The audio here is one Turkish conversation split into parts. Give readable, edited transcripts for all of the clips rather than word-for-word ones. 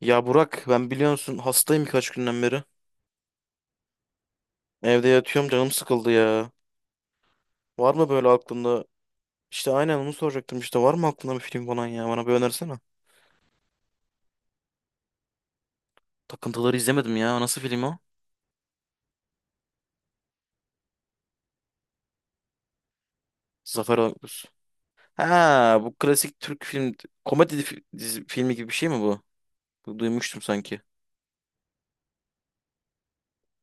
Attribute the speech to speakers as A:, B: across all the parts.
A: Ya Burak ben biliyorsun hastayım birkaç günden beri. Evde yatıyorum canım sıkıldı ya. Var mı böyle aklında? İşte aynen onu soracaktım, işte var mı aklında bir film falan, ya bana bir önersene. Takıntıları izlemedim ya. Nasıl film o? Zafer Algöz. Ha bu klasik Türk film komedi filmi gibi bir şey mi bu? Bu duymuştum sanki.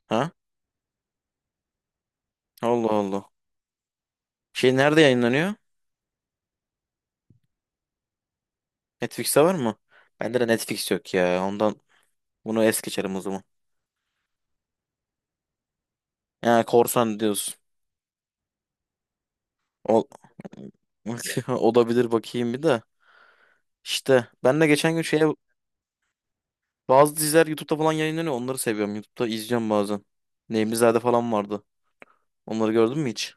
A: Ha? Allah Allah. Şey nerede yayınlanıyor? Netflix'te var mı? Bende de Netflix yok ya. Ondan bunu es geçerim o zaman. Ya korsan diyorsun. Ol... Olabilir bakayım bir de. İşte ben de geçen gün şeye bazı diziler YouTube'da falan yayınlanıyor. Onları seviyorum. YouTube'da izleyeceğim bazen. Nemlizade falan vardı. Onları gördün mü hiç?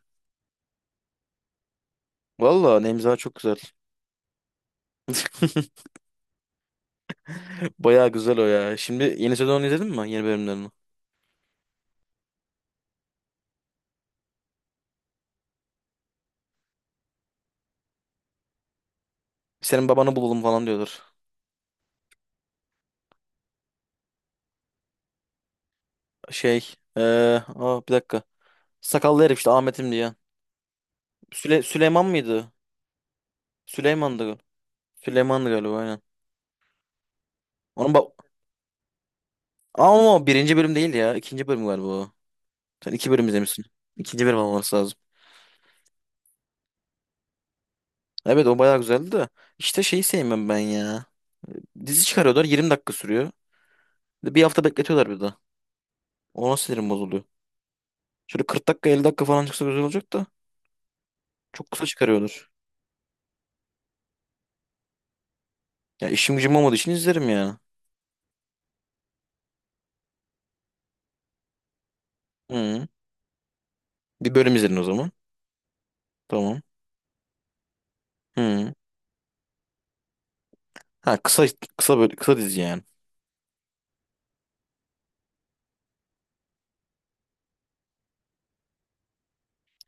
A: Valla Nemlizade çok güzel. Baya güzel o ya. Şimdi yeni sezonu izledin mi? Yeni bölümlerini. Senin babanı bulalım falan diyorlar. Şey, bir dakika. Sakallı herif işte Ahmet'im diye. Süleyman mıydı? Süleyman'dı. Süleyman'dı galiba aynen. Onun bak, ama o birinci bölüm değil ya. İkinci bölüm galiba o. Sen iki bölüm izlemişsin. İkinci bölüm olması lazım. Evet o bayağı güzeldi de. İşte şeyi sevmem ben ya. Dizi çıkarıyorlar, 20 dakika sürüyor. Bir de bir hafta bekletiyorlar bir de. Ona sinirim bozuluyor. Şöyle 40 dakika, 50 dakika falan çıksa güzel olacak da. Çok kısa çıkarıyorlar. Ya işim gücüm olmadığı için izlerim ya. Hı. Bir bölüm izlerim o zaman. Tamam. Hı. Ha kısa, kısa böyle kısa dizi yani.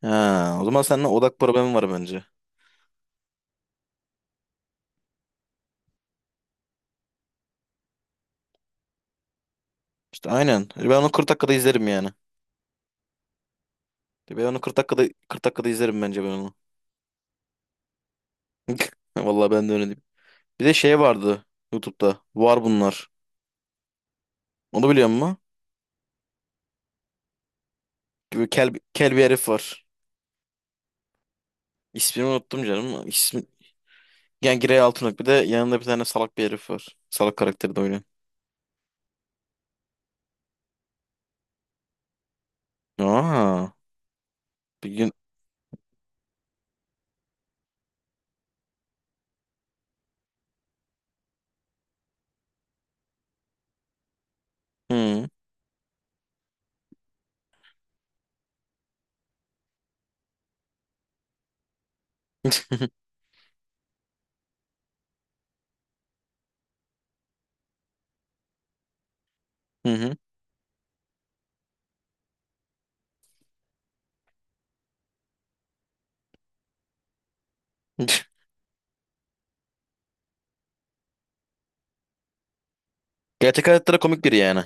A: Ha o zaman seninle odak problemi var bence. İşte aynen. Ben onu 40 dakikada izlerim yani. Ben onu kırk dakikada izlerim bence ben onu. Vallahi ben de öyle diyeyim. Bir de şey vardı YouTube'da. Var bunlar. Onu biliyor musun? Böyle kel bir herif var. İsmini unuttum canım. Yani Girey Altınok, bir de yanında bir tane salak bir herif var. Salak karakteri de oynuyor. Aa, bir gün... Hı. Hı hı. Gerçek hayatta da komik biri yani.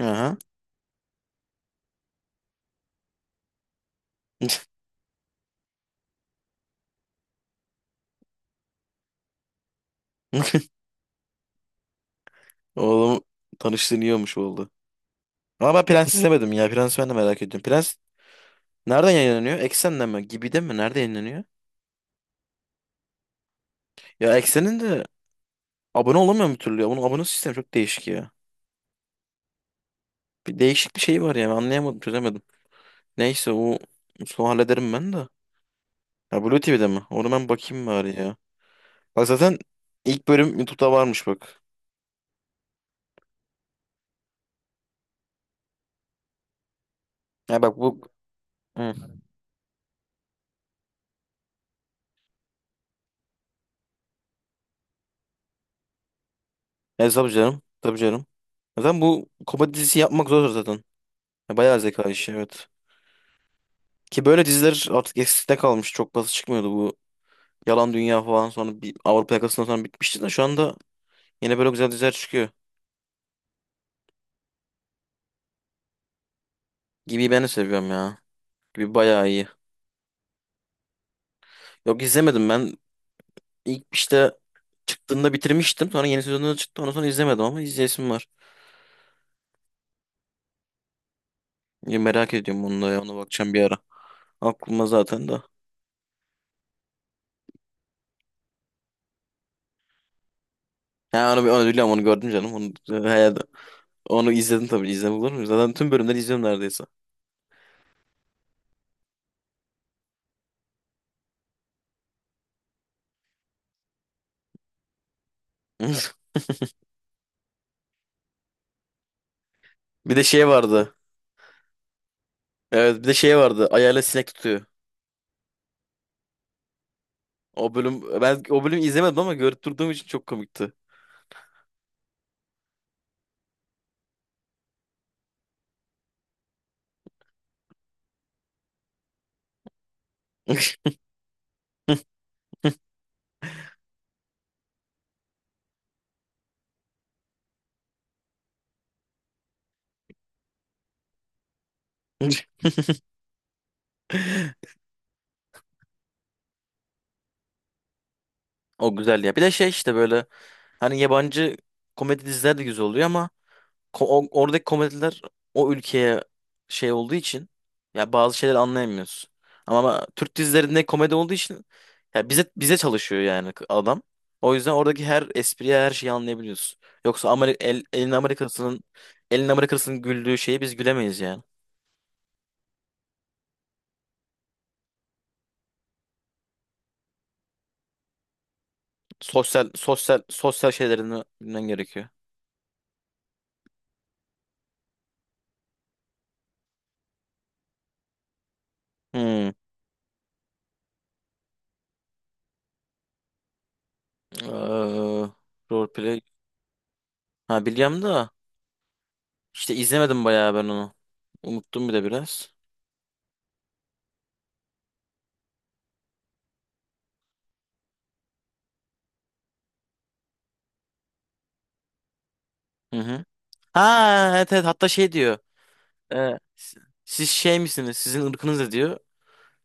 A: Aha. Oğlum tanıştığın iyi olmuş oldu. Ama ben Prens izlemedim ya. Prens ben de merak ediyorum. Prens nereden yayınlanıyor? Eksen'den mi? Gibi'de mi? Nerede yayınlanıyor? Ya Eksen'in de abone olamıyorum bir türlü ya. Bunun abone sistemi çok değişik ya. Bir değişik bir şey var yani. Anlayamadım, çözemedim. Neyse o son hallederim ben de. Ha Blue TV'de mi? Onu ben bakayım bari ya. Bak zaten ilk bölüm YouTube'da varmış bak. Ya bak bu... Hı. Tabii canım. Tabii canım. Zaten bu komedi dizisi yapmak zor zaten. Ya, bayağı zeka işi evet. Ki böyle diziler artık eskide kalmış. Çok fazla çıkmıyordu bu. Yalan Dünya falan, sonra bir Avrupa Yakası'ndan sonra bitmişti de şu anda yine böyle güzel diziler çıkıyor. Gibi ben de seviyorum ya. Gibi bayağı iyi. Yok izlemedim ben. İlk işte çıktığında bitirmiştim. Sonra yeni sezonu da çıktı. Ondan sonra izlemedim ama izleyesim var. Ya merak ediyorum onu da ya. Ona bakacağım bir ara. Aklıma zaten de. Ha onu biliyorum, onu gördüm canım. Onu, he, onu izledim tabii. İzlem olur mu? Zaten tüm bölümleri izliyorum neredeyse. Bir de şey vardı. Evet bir de şey vardı. Ayağıyla sinek tutuyor. O bölüm, ben o bölümü izlemedim ama görüp durduğum için çok komikti. O güzeldi ya. Bir de şey işte, böyle hani yabancı komedi diziler de güzel oluyor ama oradaki komediler o ülkeye şey olduğu için ya bazı şeyler anlayamıyoruz. Ama Türk dizilerinde komedi olduğu için ya bize çalışıyor yani adam. O yüzden oradaki her espriye her şeyi anlayabiliyoruz. Yoksa Amerika, elin Amerikasının güldüğü şeyi biz gülemeyiz yani. Sosyal şeylerini bilmen gerekiyor. Hmm. Eee, roleplay. Ha biliyorum da işte izlemedim bayağı ben onu. Unuttum bir de biraz. Hı hı. Ha evet evet, hatta şey diyor. e, s- Siz şey misiniz? Sizin ırkınız ne diyor?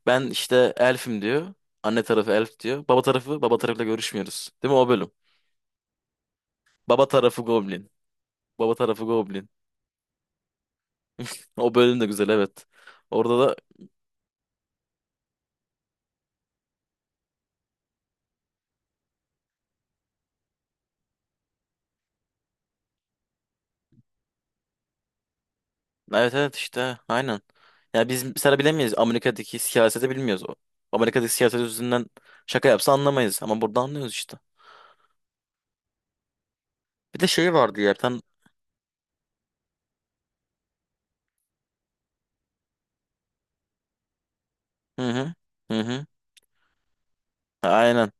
A: Ben işte elfim diyor. Anne tarafı elf diyor. Baba tarafı, baba tarafıyla görüşmüyoruz. Değil mi o bölüm? Baba tarafı goblin. Baba tarafı goblin. O bölüm de güzel evet. Orada da evet evet işte aynen. Ya biz mesela bilemeyiz. Amerika'daki siyaseti bilmiyoruz. Amerika'daki siyaset yüzünden şaka yapsa anlamayız. Ama burada anlıyoruz işte. Bir de şey vardı ya. Bir tane... Hı hı. Hı hı. Aynen.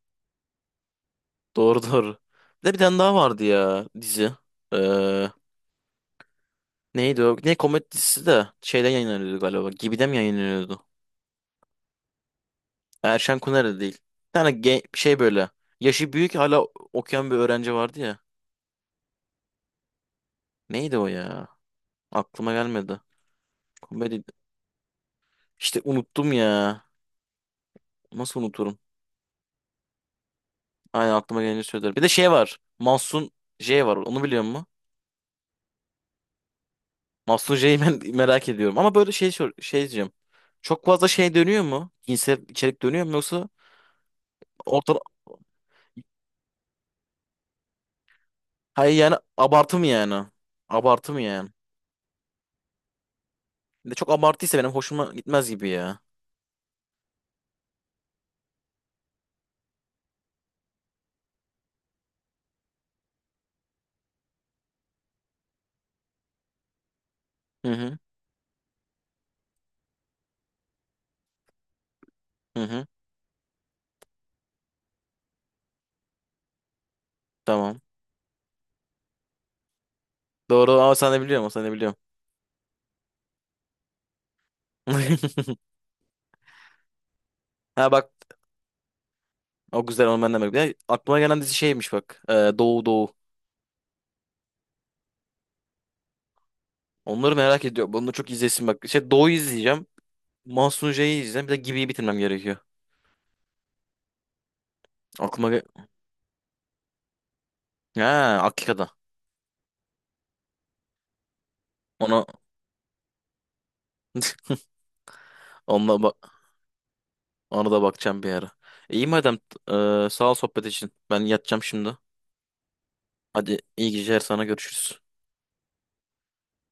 A: Doğru doğru. Bir de bir tane daha vardı ya dizi. Ee, neydi o? Ne komedi dizisi de şeyden yayınlanıyordu galiba. Gibi'de mi yayınlanıyordu? Erşen Kuner'de değil. Bir tane şey böyle. Yaşı büyük hala okuyan bir öğrenci vardı ya. Neydi o ya? Aklıma gelmedi. Komedi. İşte unuttum ya. Nasıl unuturum? Aynen aklıma gelince söylerim. Bir de şey var. Mahsun J var. Onu biliyor musun? Mahsun J'yi ben merak ediyorum. Ama böyle şey şey diyeceğim. Çok fazla şey dönüyor mu? Cinsel içerik dönüyor mu yoksa ortada... Hayır yani abartı mı yani? Abartı mı yani? Bir de çok abartıysa benim hoşuma gitmez gibi ya. Hı hı. Hı hı. Tamam. Doğru ama sen de biliyorum. Sen de biliyorum. Ha bak. O güzel, onu ben de merak ediyorum. Aklıma gelen dizi şeymiş bak. Doğu Doğu. Onları merak ediyorum. Bunu çok izlesin bak. Şey Doğu izleyeceğim. Mahsun J'yi izleyeceğim. Bir de Gibi'yi bitirmem gerekiyor. Aklıma ge- Ha Akika'da. Ona, ona, bak ona da bakacağım bir ara. İyi madem. Sağ ol sohbet için. Ben yatacağım şimdi. Hadi iyi geceler sana, görüşürüz.